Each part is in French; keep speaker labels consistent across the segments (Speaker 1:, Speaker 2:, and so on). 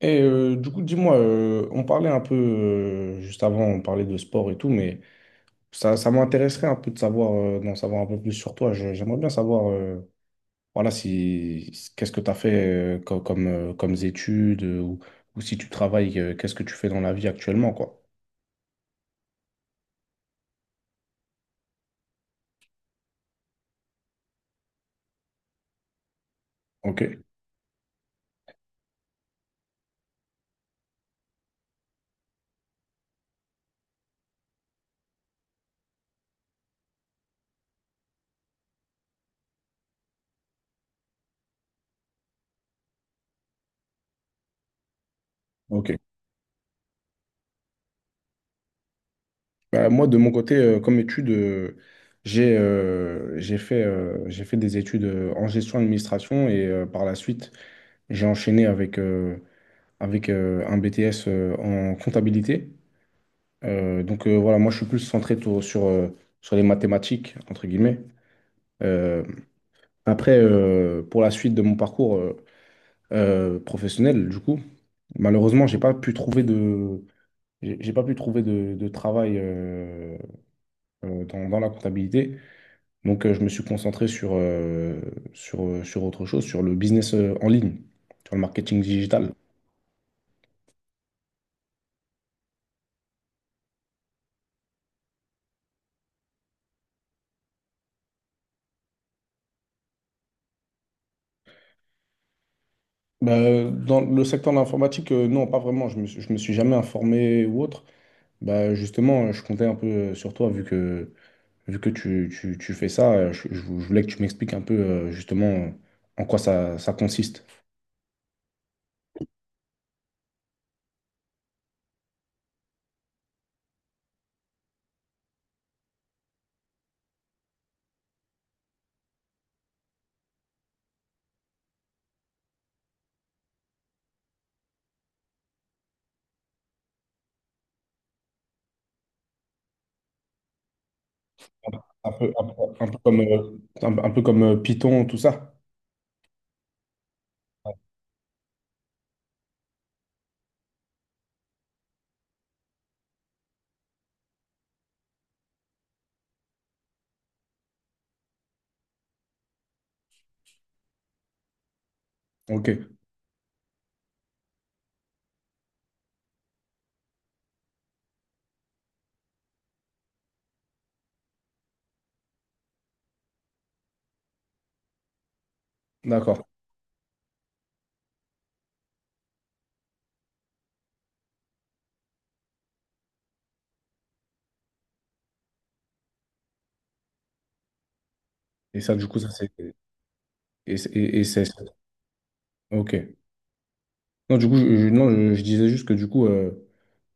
Speaker 1: Et du coup, dis-moi, on parlait un peu, juste avant, on parlait de sport et tout, mais ça m'intéresserait un peu de savoir, d'en savoir un peu plus sur toi. J'aimerais bien savoir, voilà, si qu'est-ce que tu as fait comme, comme, études ou si tu travailles, qu'est-ce que tu fais dans la vie actuellement, quoi. Ok, ok. Bah, moi, de mon côté, comme études, j'ai fait des études en gestion d'administration et par la suite, j'ai enchaîné avec un BTS en comptabilité. Donc voilà, moi je suis plus centré sur les mathématiques, entre guillemets. Euh, Après, pour la suite de mon parcours professionnel, du coup, malheureusement, j'ai pas pu trouver de travail dans la comptabilité. Donc je me suis concentré sur autre chose, sur le business en ligne, sur le marketing digital. Bah, dans le secteur de l'informatique, non, pas vraiment. Je me suis jamais informé ou autre. Bah, justement, je comptais un peu sur toi, vu que tu fais ça. Je voulais que tu m'expliques un peu, justement, en quoi ça consiste. Un un peu, un peu, un peu comme Python, tout ça. Ok, d'accord. Et ça, du coup, ça, c'est. Et c'est. Ok. Non, du coup, je- non, je disais juste que du coup,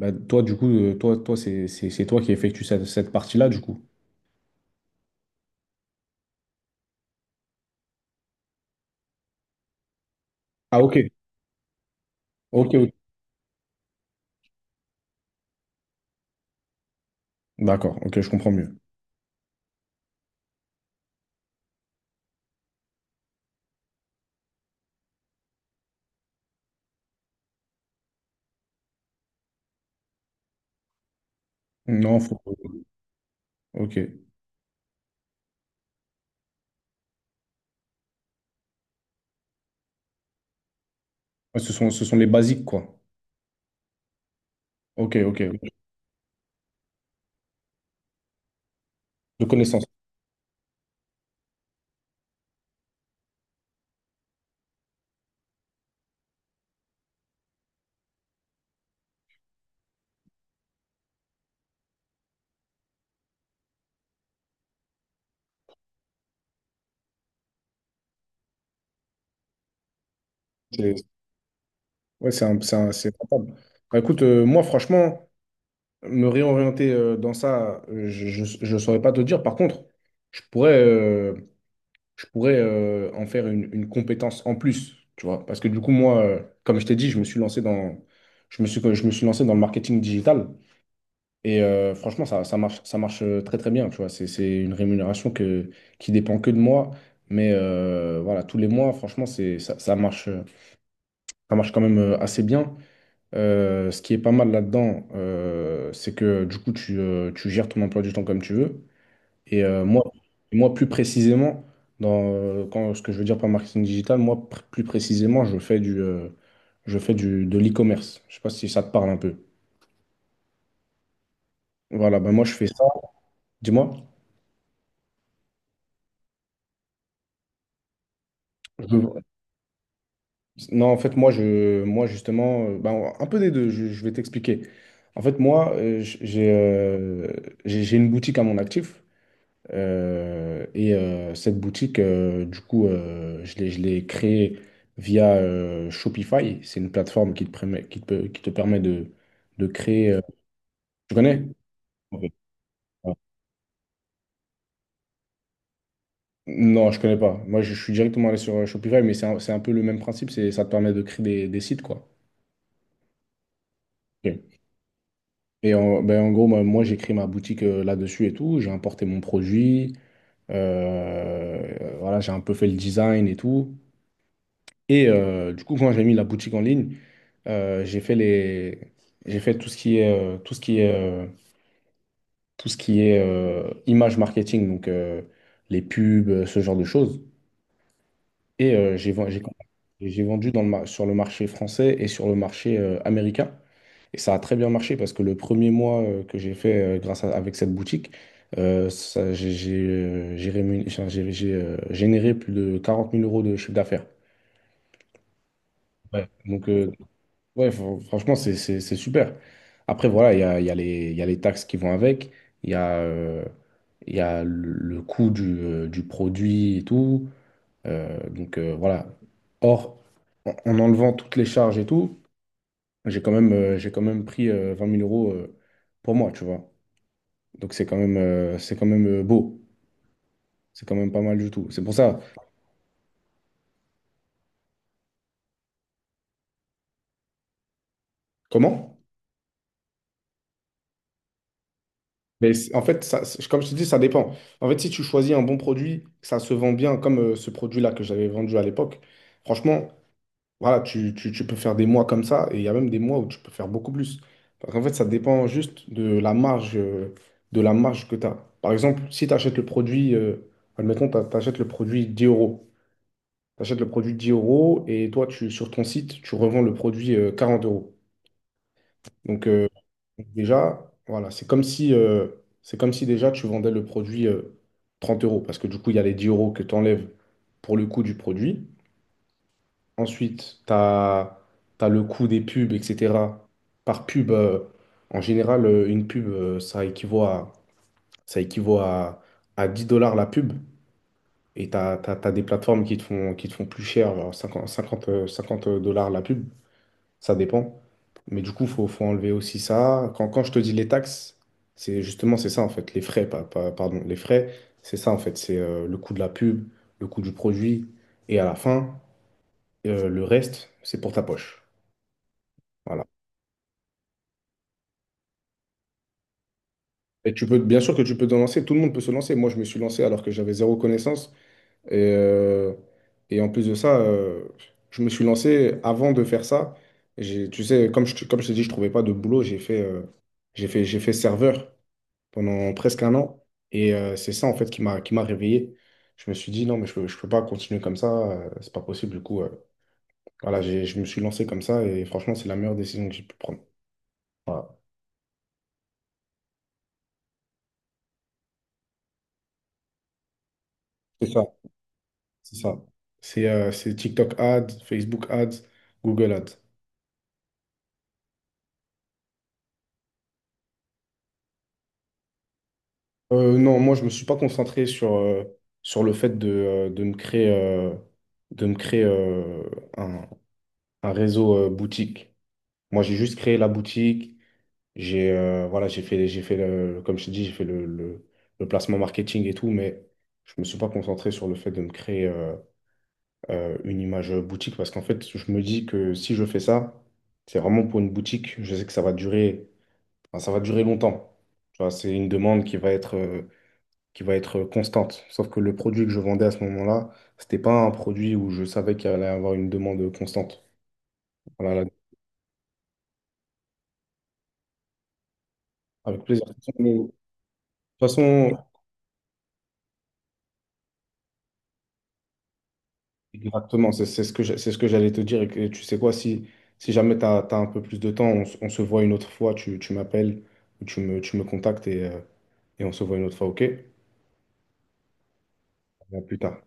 Speaker 1: bah, toi, du coup, toi, c'est toi qui effectue cette partie-là, du coup. Ah, ok, ok, ok. D'accord, ok, je comprends mieux. Non, ok. Ouais, ce sont les basiques, quoi. Ok, ok, de connaissances. C'est- Ouais, c'est rentable. Bah, écoute, moi, franchement, me réorienter dans ça, je ne saurais pas te dire. Par contre, je pourrais, euh, je pourrais en faire une compétence en plus, tu vois. Parce que du coup, moi, comme je t'ai dit, je me suis lancé dans, je me suis lancé dans le marketing digital. Et franchement, ça marche très très bien, tu vois. C'est une rémunération qui dépend que de moi. Mais voilà, tous les mois, franchement, c'est, ça, ça marche quand même assez bien. Ce qui est pas mal là-dedans, c'est que du coup, tu gères ton emploi du temps comme tu veux. Et moi, plus précisément, ce que je veux dire par marketing digital, moi, plus précisément, je fais de l'e-commerce. Je sais pas si ça te parle un peu. Voilà, ben moi, je fais ça. Dis-moi. Je- Non, en fait, moi justement, ben, un peu des deux, je vais t'expliquer. En fait, moi, j'ai une boutique à mon actif. Et cette boutique, du coup, je l'ai créée via Shopify. C'est une plateforme qui te permet de créer. Tu connais? Ok. Ouais. Non, je connais pas. Moi, je suis directement allé sur Shopify, mais c'est un peu le même principe. Ça te permet de créer des sites, quoi. Ok. Ben, en gros, moi, j'ai créé ma boutique là-dessus et tout. J'ai importé mon produit. Voilà, j'ai un peu fait le design et tout. Et du coup, quand j'ai mis la boutique en ligne, Euh, j'ai fait les, j'ai fait tout ce qui est, tout ce qui est, tout ce qui est image marketing, donc les pubs, ce genre de choses. Et j'ai vendu sur le marché français et sur le marché américain. Et ça a très bien marché parce que le premier mois que j'ai fait avec cette boutique, j'ai généré plus de 40 000 euros de chiffre d'affaires. Donc, ouais, franchement, c'est super. Après, voilà, il y a les taxes qui vont avec, il y a, euh, il y a le coût du produit et tout. Donc, voilà. Or, en enlevant toutes les charges et tout, j'ai quand même pris 20 000 euros pour moi, tu vois. Donc, c'est quand même beau. C'est quand même pas mal du tout. C'est pour ça. Comment? Mais en fait, comme je te dis, ça dépend. En fait, si tu choisis un bon produit, que ça se vend bien, comme ce produit-là que j'avais vendu à l'époque, franchement, voilà, tu peux faire des mois comme ça, et il y a même des mois où tu peux faire beaucoup plus. Parce qu'en fait, ça dépend juste de la marge que tu as. Par exemple, si tu achètes le produit, admettons, tu achètes le produit 10 euros. Tu achètes le produit 10 euros, et toi, sur ton site, tu revends le produit 40 euros. Donc, déjà, voilà, c'est comme si déjà tu vendais le produit 30 euros, parce que du coup, il y a les 10 euros que tu enlèves pour le coût du produit. Ensuite, tu as, le coût des pubs, etc. Par pub, en général, une pub, ça équivaut à 10 dollars la pub. Et tu as, des plateformes qui te font plus cher, genre 50 dollars la pub, ça dépend. Mais du coup, faut enlever aussi ça. Quand je te dis les taxes, c'est ça en fait, les frais, pardon, les frais, c'est ça en fait, c'est le coût de la pub, le coût du produit, et à la fin, le reste, c'est pour ta poche. Voilà. Bien sûr que tu peux te lancer, tout le monde peut se lancer. Moi, je me suis lancé alors que j'avais zéro connaissance. Et, euh, et en plus de ça, je me suis lancé avant de faire ça. J'ai, tu sais, comme je t'ai dit, je trouvais pas de boulot, j'ai fait serveur pendant presque un an. Et c'est ça, en fait, qui m'a réveillé. Je me suis dit, non, mais je peux pas continuer comme ça, c'est pas possible. Du coup, voilà, je me suis lancé comme ça et franchement, c'est la meilleure décision que j'ai pu prendre. Voilà. C'est ça, c'est ça. C'est TikTok Ads, Facebook Ads, Google Ads. Non, moi, je me suis pas concentré sur le fait de me créer un, un réseau boutique. Moi, j'ai juste créé la boutique. J'ai Voilà, comme je te dis, j'ai fait le placement marketing et tout, mais je me suis pas concentré sur le fait de me créer une image boutique parce qu'en fait, je me dis que si je fais ça, c'est vraiment pour une boutique. Je sais que enfin, ça va durer longtemps. Tu vois, c'est une demande qui va être constante. Sauf que le produit que je vendais à ce moment-là, c'était pas un produit où je savais qu'il allait avoir une demande constante. Voilà, avec plaisir. De toute façon, exactement, c'est ce que c'est ce que j'allais te dire. Tu sais quoi, si jamais tu as un peu plus de temps, on se voit une autre fois, tu m'appelles ou tu me contactes et on se voit une autre fois, ok? À plus tard.